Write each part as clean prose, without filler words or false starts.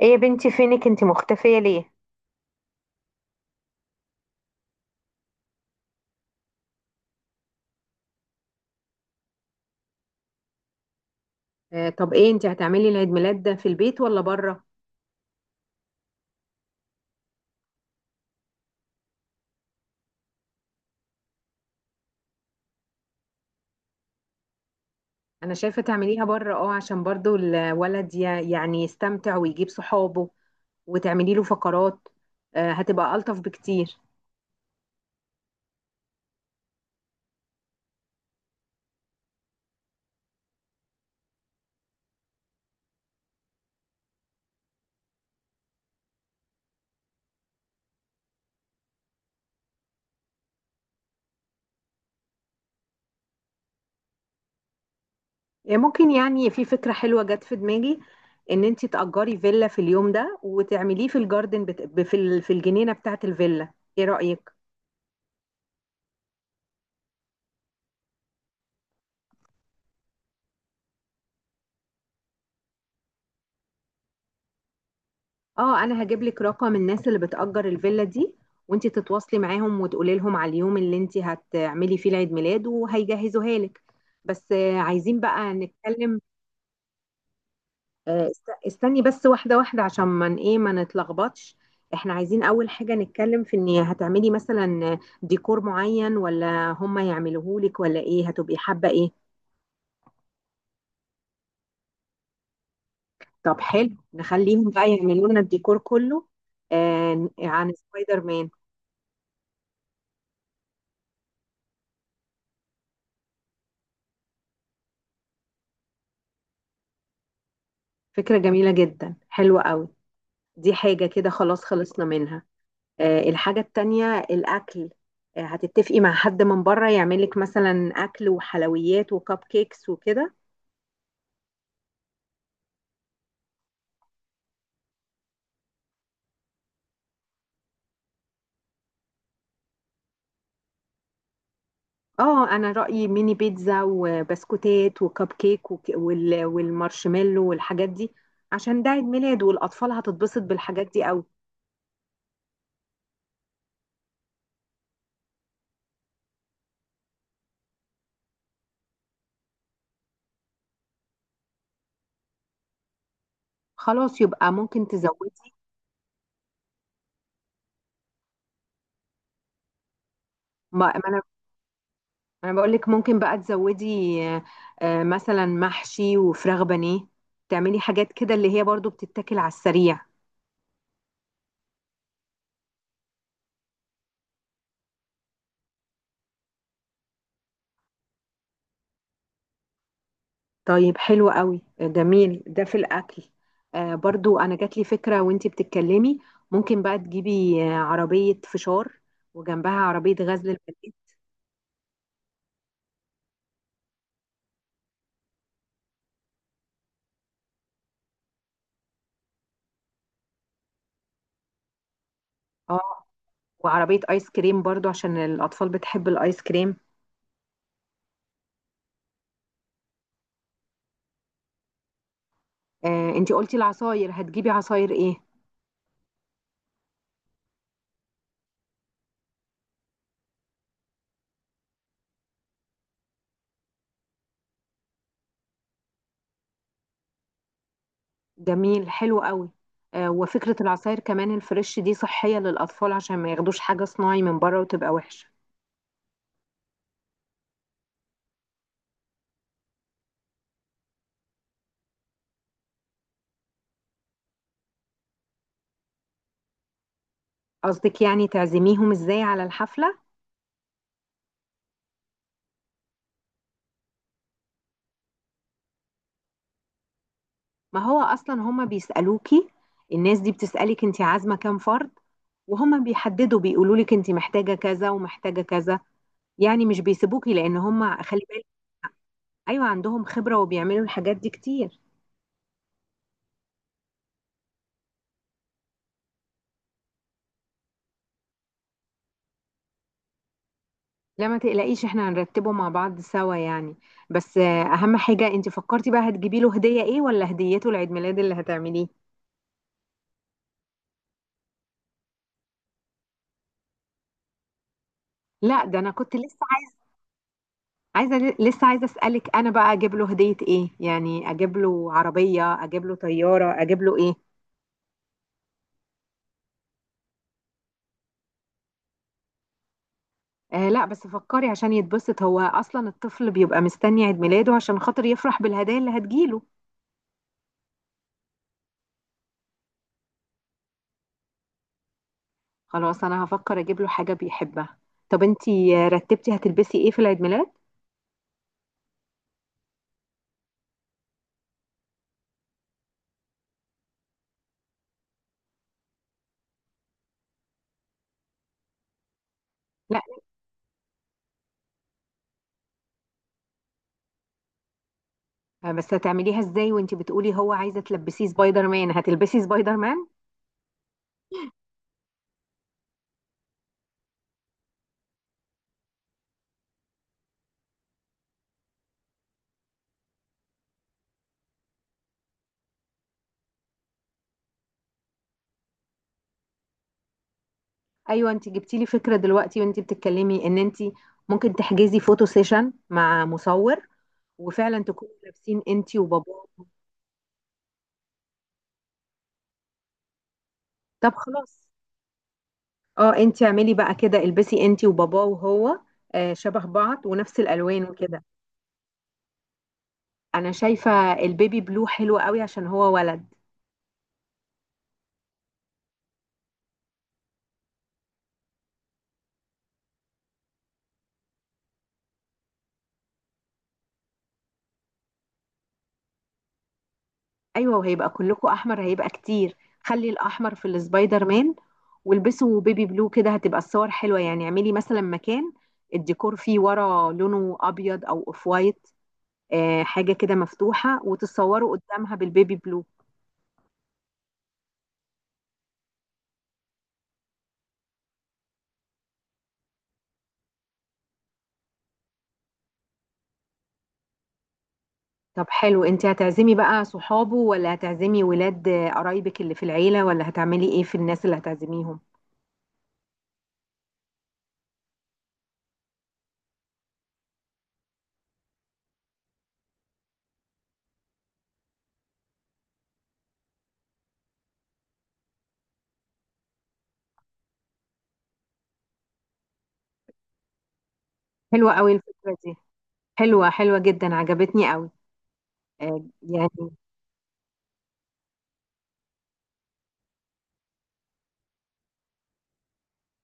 ايه يا بنتي، فينك انتي؟ مختفية ليه؟ طب ايه، انت هتعملي العيد ميلاد ده في البيت ولا بره؟ انا شايفه تعمليها بره، اه، عشان برضو الولد يعني يستمتع ويجيب صحابه وتعملي له فقرات. هتبقى الطف بكتير. ممكن، يعني في فكره حلوه جت في دماغي ان انت تأجري فيلا في اليوم ده وتعمليه في الجاردن بت... ب- في ال- في الجنينه بتاعه الفيلا. ايه رأيك؟ اه، انا هجيب لك رقم الناس اللي بتأجر الفيلا دي وانتي تتواصلي معاهم وتقولي لهم على اليوم اللي انتي هتعملي فيه العيد ميلاد وهيجهزوها لك. بس عايزين بقى نتكلم. استني بس، واحدة واحدة عشان ما ن- ايه ما نتلخبطش. احنا عايزين اول حاجة نتكلم في ان هتعملي مثلا ديكور معين ولا هم يعملوه لك، ولا ايه هتبقي حابة ايه؟ طب حلو، نخليهم بقى يعملوا لنا الديكور كله عن سبايدر مان. فكرة جميلة جدا، حلوة قوي. دي حاجة كده خلاص، خلصنا منها. الحاجة التانية الأكل. هتتفقي مع حد من بره يعملك مثلا أكل وحلويات وكب كيكس وكده؟ اه، انا رأيي ميني بيتزا وبسكوتات وكب كيك والمارشميلو والحاجات دي، عشان ده عيد ميلاد والأطفال هتتبسط بالحاجات دي قوي. خلاص، يبقى ممكن تزودي. ما ما انا انا بقول لك ممكن بقى تزودي. مثلا محشي وفراخ بانيه، تعملي حاجات كده اللي هي برضو بتتاكل على السريع. طيب حلو قوي، جميل ده في الأكل. آه، برضو أنا جات لي فكرة وانتي بتتكلمي. ممكن بقى تجيبي عربية فشار وجنبها عربية غزل البلد. اه، وعربية آيس كريم برضو عشان الأطفال بتحب الآيس كريم. آه، انتي قلتي العصاير، هتجيبي عصاير ايه؟ جميل، حلو قوي. آه، وفكرة العصاير كمان الفريش دي صحية للأطفال عشان ما ياخدوش حاجة صناعي من بره وتبقى وحشة. قصدك يعني تعزميهم ازاي على الحفلة؟ ما هو اصلا هما بيسالوكي، الناس دي بتسالك انت عازمه كام فرد، وهما بيحددوا بيقولوا لك انت محتاجه كذا ومحتاجه كذا. يعني مش بيسيبوكي، لان هما، خلي بالك. ايوه، عندهم خبره وبيعملوا الحاجات دي كتير. لا ما تقلقيش، احنا هنرتبه مع بعض سوا يعني. بس اهم حاجه، انت فكرتي بقى هتجيبي له هديه ايه؟ ولا هديته العيد ميلاد اللي هتعمليه؟ لا، ده انا كنت لسه عايزه. عايزه، لسه عايزه اسالك، انا بقى اجيب له هديه ايه؟ يعني اجيب له عربيه، اجيب له طياره، اجيب له ايه؟ آه لا، بس فكري عشان يتبسط، هو اصلا الطفل بيبقى مستني عيد ميلاده عشان خاطر يفرح بالهدايا اللي هتجيله. خلاص، انا هفكر اجيب له حاجه بيحبها. طب انتي رتبتي هتلبسي ايه في العيد ميلاد؟ لا بس هتعمليه ازاي؟ وانتي بتقولي هو عايزه تلبسيه سبايدر مان، هتلبسي سبايدر مان؟ ايوه، انتي جبتي لي فكره دلوقتي وانتي بتتكلمي، ان انتي ممكن تحجزي فوتو سيشن مع مصور، وفعلا تكونوا لابسين انتي وباباه. طب خلاص، اه انتي اعملي بقى كده، البسي انتي وباباه وهو شبه بعض ونفس الالوان وكده. انا شايفه البيبي بلو حلو قوي عشان هو ولد. ايوه وهيبقى كلكوا احمر، هيبقى كتير. خلي الاحمر في السبايدر مان، والبسوا بيبي بلو. كده هتبقى الصور حلوه. يعني اعملي مثلا مكان الديكور فيه ورا لونه ابيض او اوف وايت، حاجه كده مفتوحه، وتتصوروا قدامها بالبيبي بلو. طب حلو، انت هتعزمي بقى صحابه ولا هتعزمي ولاد قرايبك اللي في العيلة؟ ولا هتعملي ايه في الناس اللي هتعزميهم؟ حلوة قوي الفكرة دي. حلوة، حلوة جدا، عجبتني قوي. آه، يعني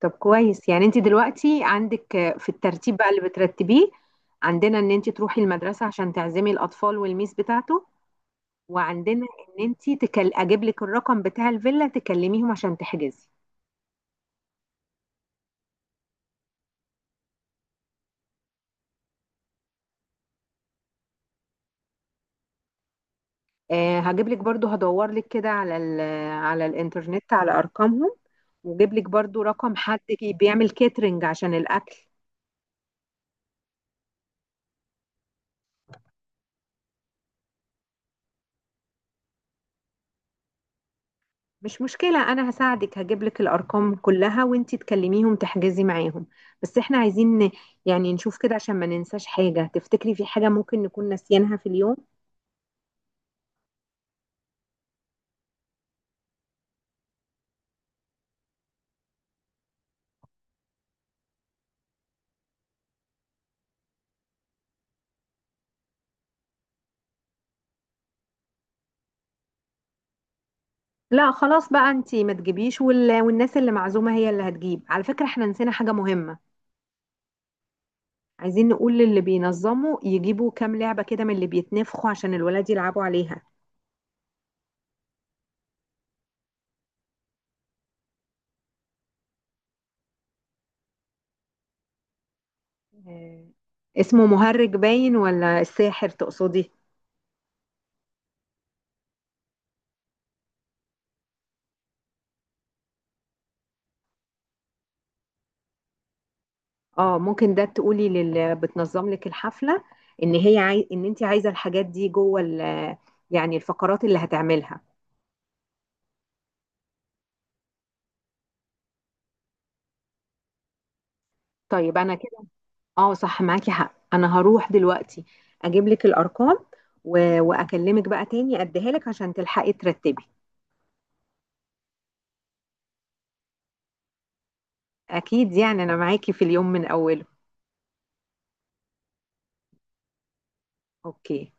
طب كويس. يعني انت دلوقتي عندك في الترتيب بقى اللي بترتبيه، عندنا ان انت تروحي المدرسة عشان تعزمي الاطفال والميس بتاعته، وعندنا ان انت اجيب لك الرقم بتاع الفيلا تكلميهم عشان تحجزي. آه، هجيب لك برضو، هدور لك كده على على الانترنت على ارقامهم، واجيب لك برضو رقم حد بيعمل كاترينج عشان الاكل. مش مشكلة، انا هساعدك، هجيب لك الارقام كلها وانتي تكلميهم تحجزي معاهم. بس احنا عايزين يعني نشوف كده عشان ما ننساش حاجة. تفتكري في حاجة ممكن نكون ناسيينها في اليوم؟ لا خلاص بقى، انتي ما تجيبيش والناس اللي معزومة هي اللي هتجيب. على فكرة احنا نسينا حاجة مهمة. عايزين نقول للي بينظموا يجيبوا كام لعبة كده من اللي بيتنفخوا عشان الولاد يلعبوا عليها. آه، اسمه مهرج، باين ولا الساحر تقصدي؟ اه ممكن، ده تقولي للي بتنظم لك الحفلة ان انت عايزة الحاجات دي جوه يعني الفقرات اللي هتعملها. طيب انا كده. اه صح، معاكي حق، انا هروح دلوقتي اجيب لك الارقام واكلمك بقى تاني اديها لك عشان تلحقي ترتبي. اكيد، يعني انا معاكي في اليوم من اوله. اوكي.